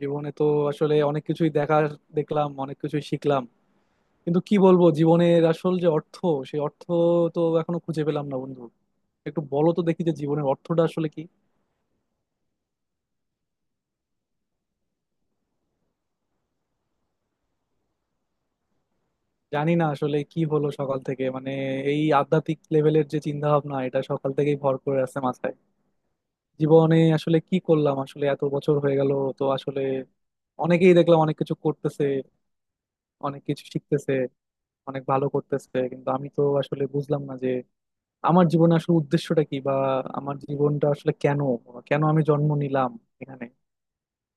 জীবনে তো আসলে অনেক কিছুই দেখা দেখলাম, অনেক কিছুই শিখলাম। কিন্তু কি বলবো, জীবনের আসল যে অর্থ, সেই অর্থ তো এখনো খুঁজে পেলাম না বন্ধু। একটু বলো তো দেখি, যে জীবনের অর্থটা আসলে কি। জানি না আসলে কি হলো সকাল থেকে, মানে এই আধ্যাত্মিক লেভেলের যে চিন্তা ভাবনা, এটা সকাল থেকেই ভর করে আছে মাথায়। জীবনে আসলে কি করলাম, আসলে এত বছর হয়ে গেল। তো আসলে অনেকেই দেখলাম অনেক কিছু করতেছে, অনেক কিছু শিখতেছে, অনেক ভালো করতেছে, কিন্তু আমি তো আসলে বুঝলাম না আমার জীবনে আসলে উদ্দেশ্যটা কি, বা আমার জীবনটা আসলে কেন, কেন আমি জন্ম নিলাম এখানে।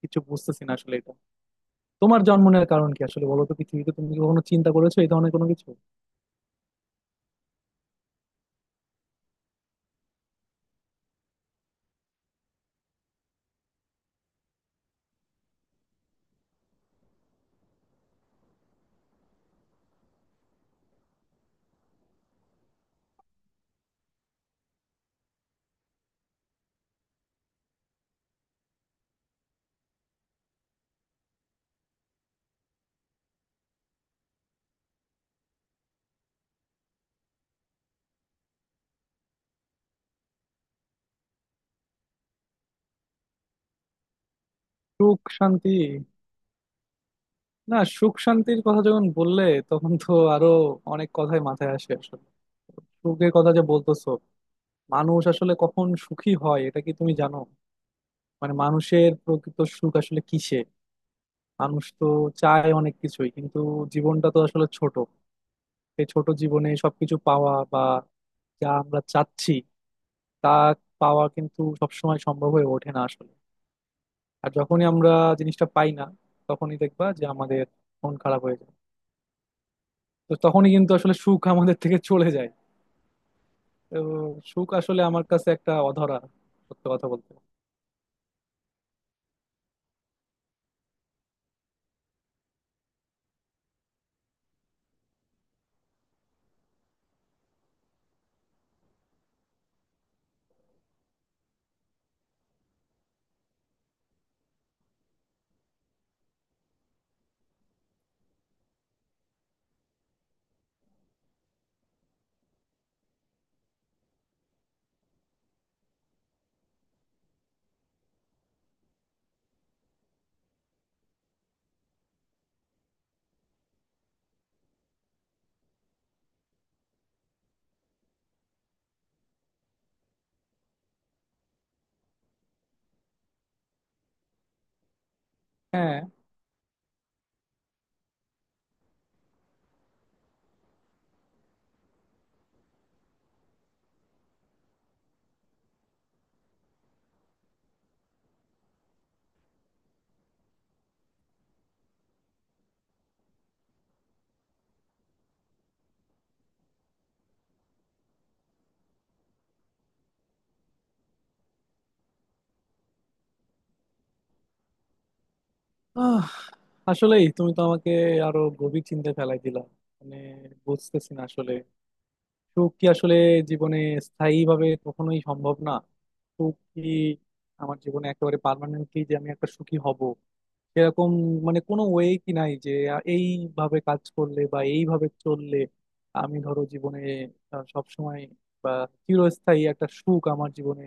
কিছু বুঝতেছি না আসলে এটা। তোমার জন্ম নেওয়ার কারণ কি আসলে, বলো তো পৃথিবীতে? তুমি কি কখনো চিন্তা করেছো এই ধরনের কোনো কিছু? সুখ শান্তি। না, সুখ শান্তির কথা যখন বললে, তখন তো আরো অনেক কথাই মাথায় আসে আসলে। সুখের কথা যে বলতেছো, মানুষ আসলে কখন সুখী হয়, এটা কি তুমি জানো? মানে মানুষের প্রকৃত সুখ আসলে কিসে? মানুষ তো চায় অনেক কিছুই, কিন্তু জীবনটা তো আসলে ছোট। এই ছোট জীবনে সবকিছু পাওয়া, বা যা আমরা চাচ্ছি তা পাওয়া কিন্তু সবসময় সম্ভব হয়ে ওঠে না আসলে। আর যখনই আমরা জিনিসটা পাই না, তখনই দেখবা যে আমাদের মন খারাপ হয়ে যায়। তো তখনই কিন্তু আসলে সুখ আমাদের থেকে চলে যায়। তো সুখ আসলে আমার কাছে একটা অধরা, সত্য কথা বলতে। হ্যাঁ। আহ, আসলেই তুমি তো আমাকে আরো গভীর চিন্তায় ফেলাই দিলা। মানে বুঝতেছি না আসলে, সুখ কি আসলে জীবনে স্থায়ী ভাবে কখনোই সম্ভব না? সুখ কি আমার জীবনে একেবারে পার্মানেন্টলি, যে আমি একটা সুখী হব, এরকম মানে কোনো ওয়ে কি নাই যে এইভাবে কাজ করলে বা এইভাবে চললে আমি, ধরো, জীবনে সব সময়, বা চিরস্থায়ী একটা সুখ আমার জীবনে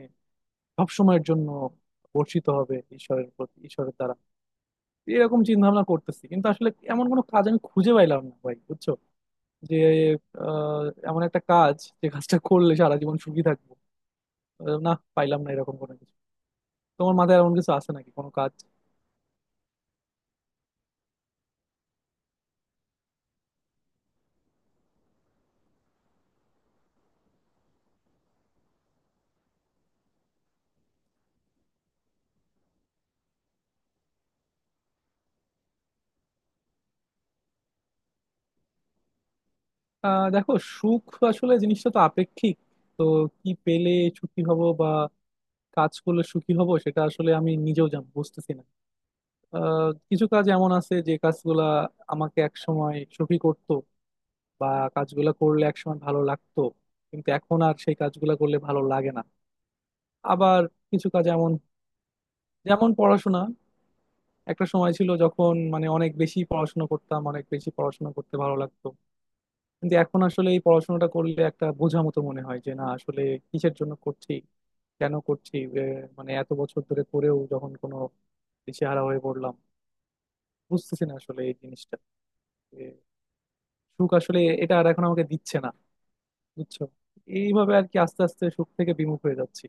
সবসময়ের জন্য বর্ষিত হবে ঈশ্বরের প্রতি, ঈশ্বরের দ্বারা? এরকম চিন্তা ভাবনা করতেছি, কিন্তু আসলে এমন কোনো কাজ আমি খুঁজে পাইলাম না ভাই, বুঝছো? যে আহ, এমন একটা কাজ, যে কাজটা করলে সারা জীবন সুখী থাকবো। না, পাইলাম না এরকম কোনো কিছু। তোমার মাথায় এমন কিছু আছে নাকি, কোনো কাজ? দেখো, সুখ আসলে জিনিসটা তো আপেক্ষিক। তো কি পেলে সুখী হব, বা কাজ করলে সুখী হব, সেটা আসলে আমি নিজেও জানি, বুঝতেছি না। কিছু কাজ এমন আছে যে কাজগুলা আমাকে একসময় সুখী করতো, বা কাজগুলা করলে একসময় ভালো লাগতো, কিন্তু এখন আর সেই কাজগুলা করলে ভালো লাগে না। আবার কিছু কাজ এমন, যেমন পড়াশোনা। একটা সময় ছিল যখন মানে অনেক বেশি পড়াশোনা করতাম, অনেক বেশি পড়াশোনা করতে ভালো লাগতো। কিন্তু এখন আসলে এই পড়াশোনাটা করলে একটা বোঝা মতো মনে হয়, যে না আসলে কিসের জন্য করছি, কেন করছি, মানে এত বছর ধরে করেও যখন কোনো দিশেহারা হয়ে পড়লাম, বুঝতেছি না আসলে এই জিনিসটা। যে সুখ আসলে এটা আর এখন আমাকে দিচ্ছে না, বুঝছো? এইভাবে আর কি আস্তে আস্তে সুখ থেকে বিমুখ হয়ে যাচ্ছি।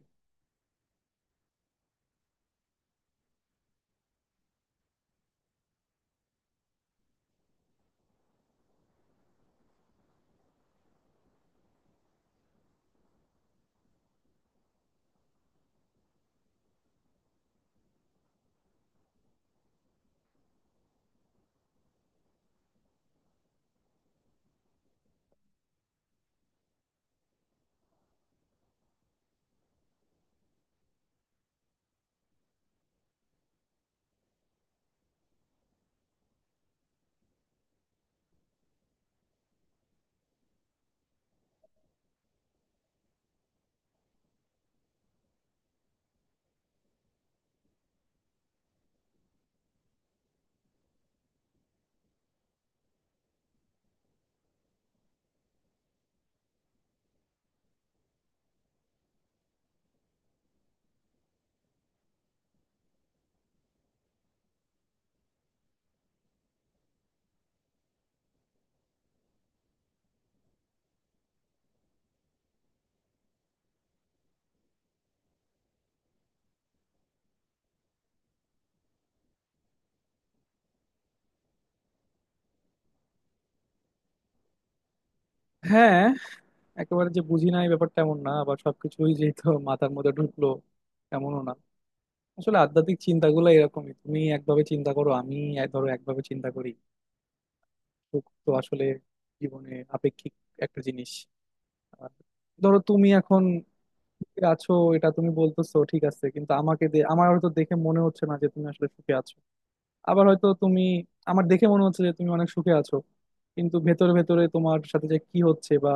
হ্যাঁ, একেবারে যে বুঝি না এই ব্যাপারটা, এমন না। আবার সবকিছুই যেহেতু মাথার মধ্যে ঢুকলো, এমনও না। আসলে আধ্যাত্মিক চিন্তাগুলো এরকমই, তুমি একভাবে চিন্তা করো, আমি ধরো একভাবে চিন্তা করি। সুখ তো আসলে জীবনে আপেক্ষিক একটা জিনিস। আর ধরো তুমি এখন সুখে আছো, এটা তুমি বলতেছো, ঠিক আছে, কিন্তু আমাকে আমার হয়তো দেখে মনে হচ্ছে না যে তুমি আসলে সুখে আছো। আবার হয়তো তুমি, আমার দেখে মনে হচ্ছে যে তুমি অনেক সুখে আছো, কিন্তু ভেতরে ভেতরে তোমার সাথে যে কি হচ্ছে, বা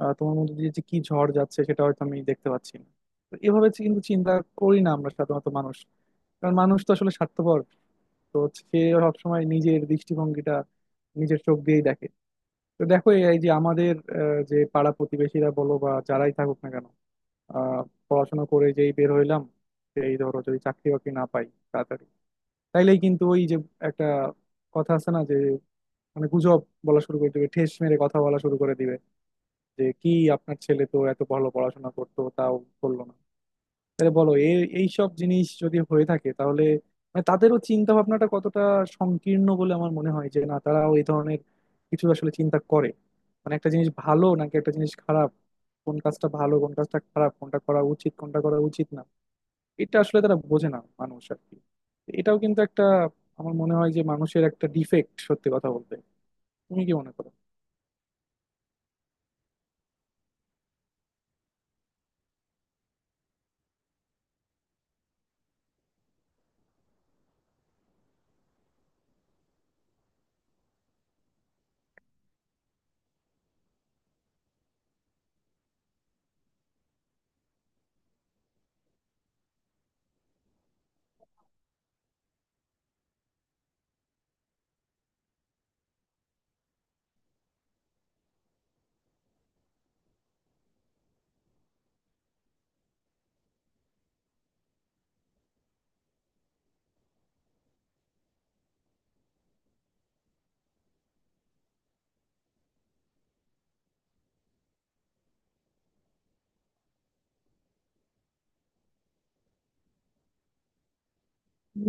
তোমার মধ্যে দিয়ে যে কি ঝড় যাচ্ছে, সেটা হয়তো আমি দেখতে পাচ্ছি না। তো এভাবে কিন্তু চিন্তা করি না আমরা সাধারণত মানুষ, কারণ মানুষ তো আসলে স্বার্থপর। তো সে সবসময় নিজের দৃষ্টিভঙ্গিটা নিজের চোখ দিয়েই দেখে। তো দেখো, এই এই যে আমাদের যে পাড়া প্রতিবেশীরা বলো বা যারাই থাকুক না কেন, আহ, পড়াশোনা করে যেই বের হইলাম, এই ধরো যদি চাকরি বাকরি না পাই তাড়াতাড়ি, তাইলেই কিন্তু ওই যে একটা কথা আছে না, যে মানে গুজব বলা শুরু করে দিবে, ঠেস মেরে কথা বলা শুরু করে দিবে, যে কি আপনার ছেলে তো এত ভালো পড়াশোনা করতো, তাও করলো না। তাহলে বলো, এই সব জিনিস যদি হয়ে থাকে, তাহলে মানে তাদেরও চিন্তা ভাবনাটা কতটা সংকীর্ণ বলে আমার মনে হয়। যে না, তারাও এই ধরনের কিছু আসলে চিন্তা করে, মানে একটা জিনিস ভালো নাকি একটা জিনিস খারাপ, কোন কাজটা ভালো কোন কাজটা খারাপ, কোনটা করা উচিত কোনটা করা উচিত না, এটা আসলে তারা বোঝে না মানুষ আর কি। এটাও কিন্তু একটা, আমার মনে হয় যে মানুষের একটা ডিফেক্ট, সত্যি কথা বলতে। তুমি কি মনে করো?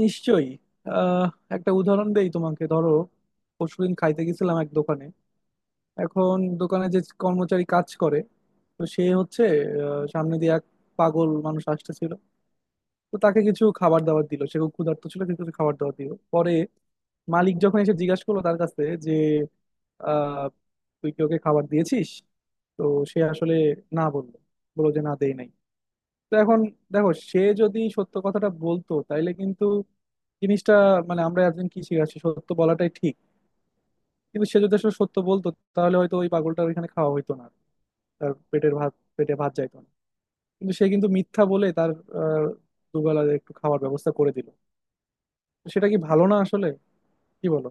নিশ্চয়ই। আহ, একটা উদাহরণ দেই তোমাকে, ধরো পরশুদিন খাইতে গেছিলাম এক দোকানে। এখন দোকানে যে কর্মচারী কাজ করে, তো সে হচ্ছে, সামনে দিয়ে এক পাগল মানুষ আসতেছিল। তো তাকে কিছু খাবার দাবার দিল, সে খুব ক্ষুধার্ত ছিল, তাকে কিছু খাবার দাবার দিল। পরে মালিক যখন এসে জিজ্ঞাসা করলো তার কাছে যে, আহ, তুই কি ওকে খাবার দিয়েছিস? তো সে আসলে না বললো, বললো যে না দেই নাই। তো এখন দেখো, সে যদি সত্য কথাটা বলতো, তাইলে কিন্তু জিনিসটা, মানে আমরা একজন কি শিখাচ্ছি, সত্য বলাটাই ঠিক। কিন্তু সে যদি আসলে সত্য বলতো, তাহলে হয়তো ওই পাগলটা ওইখানে খাওয়া হইতো না, তার পেটে ভাত যাইতো না। কিন্তু সে কিন্তু মিথ্যা বলে তার আহ, দুবেলা একটু খাওয়ার ব্যবস্থা করে দিল। তো সেটা কি ভালো না আসলে? কি বলো?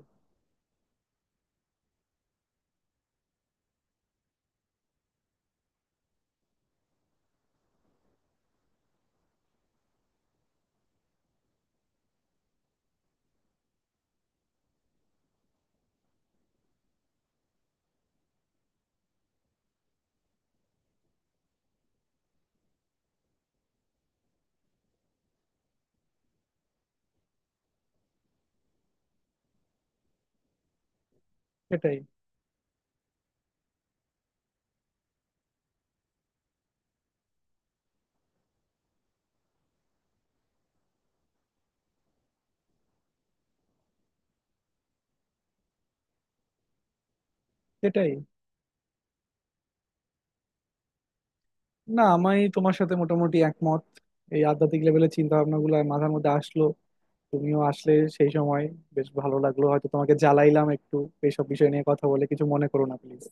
সেটাই সেটাই। না, আমি তোমার সাথে মোটামুটি একমত। এই আধ্যাত্মিক লেভেলের চিন্তা ভাবনা গুলো মাথার মধ্যে আসলো, তুমিও আসলে সেই সময় বেশ ভালো লাগলো। হয়তো তোমাকে জ্বালাইলাম একটু এইসব বিষয় নিয়ে কথা বলে, কিছু মনে করো না প্লিজ।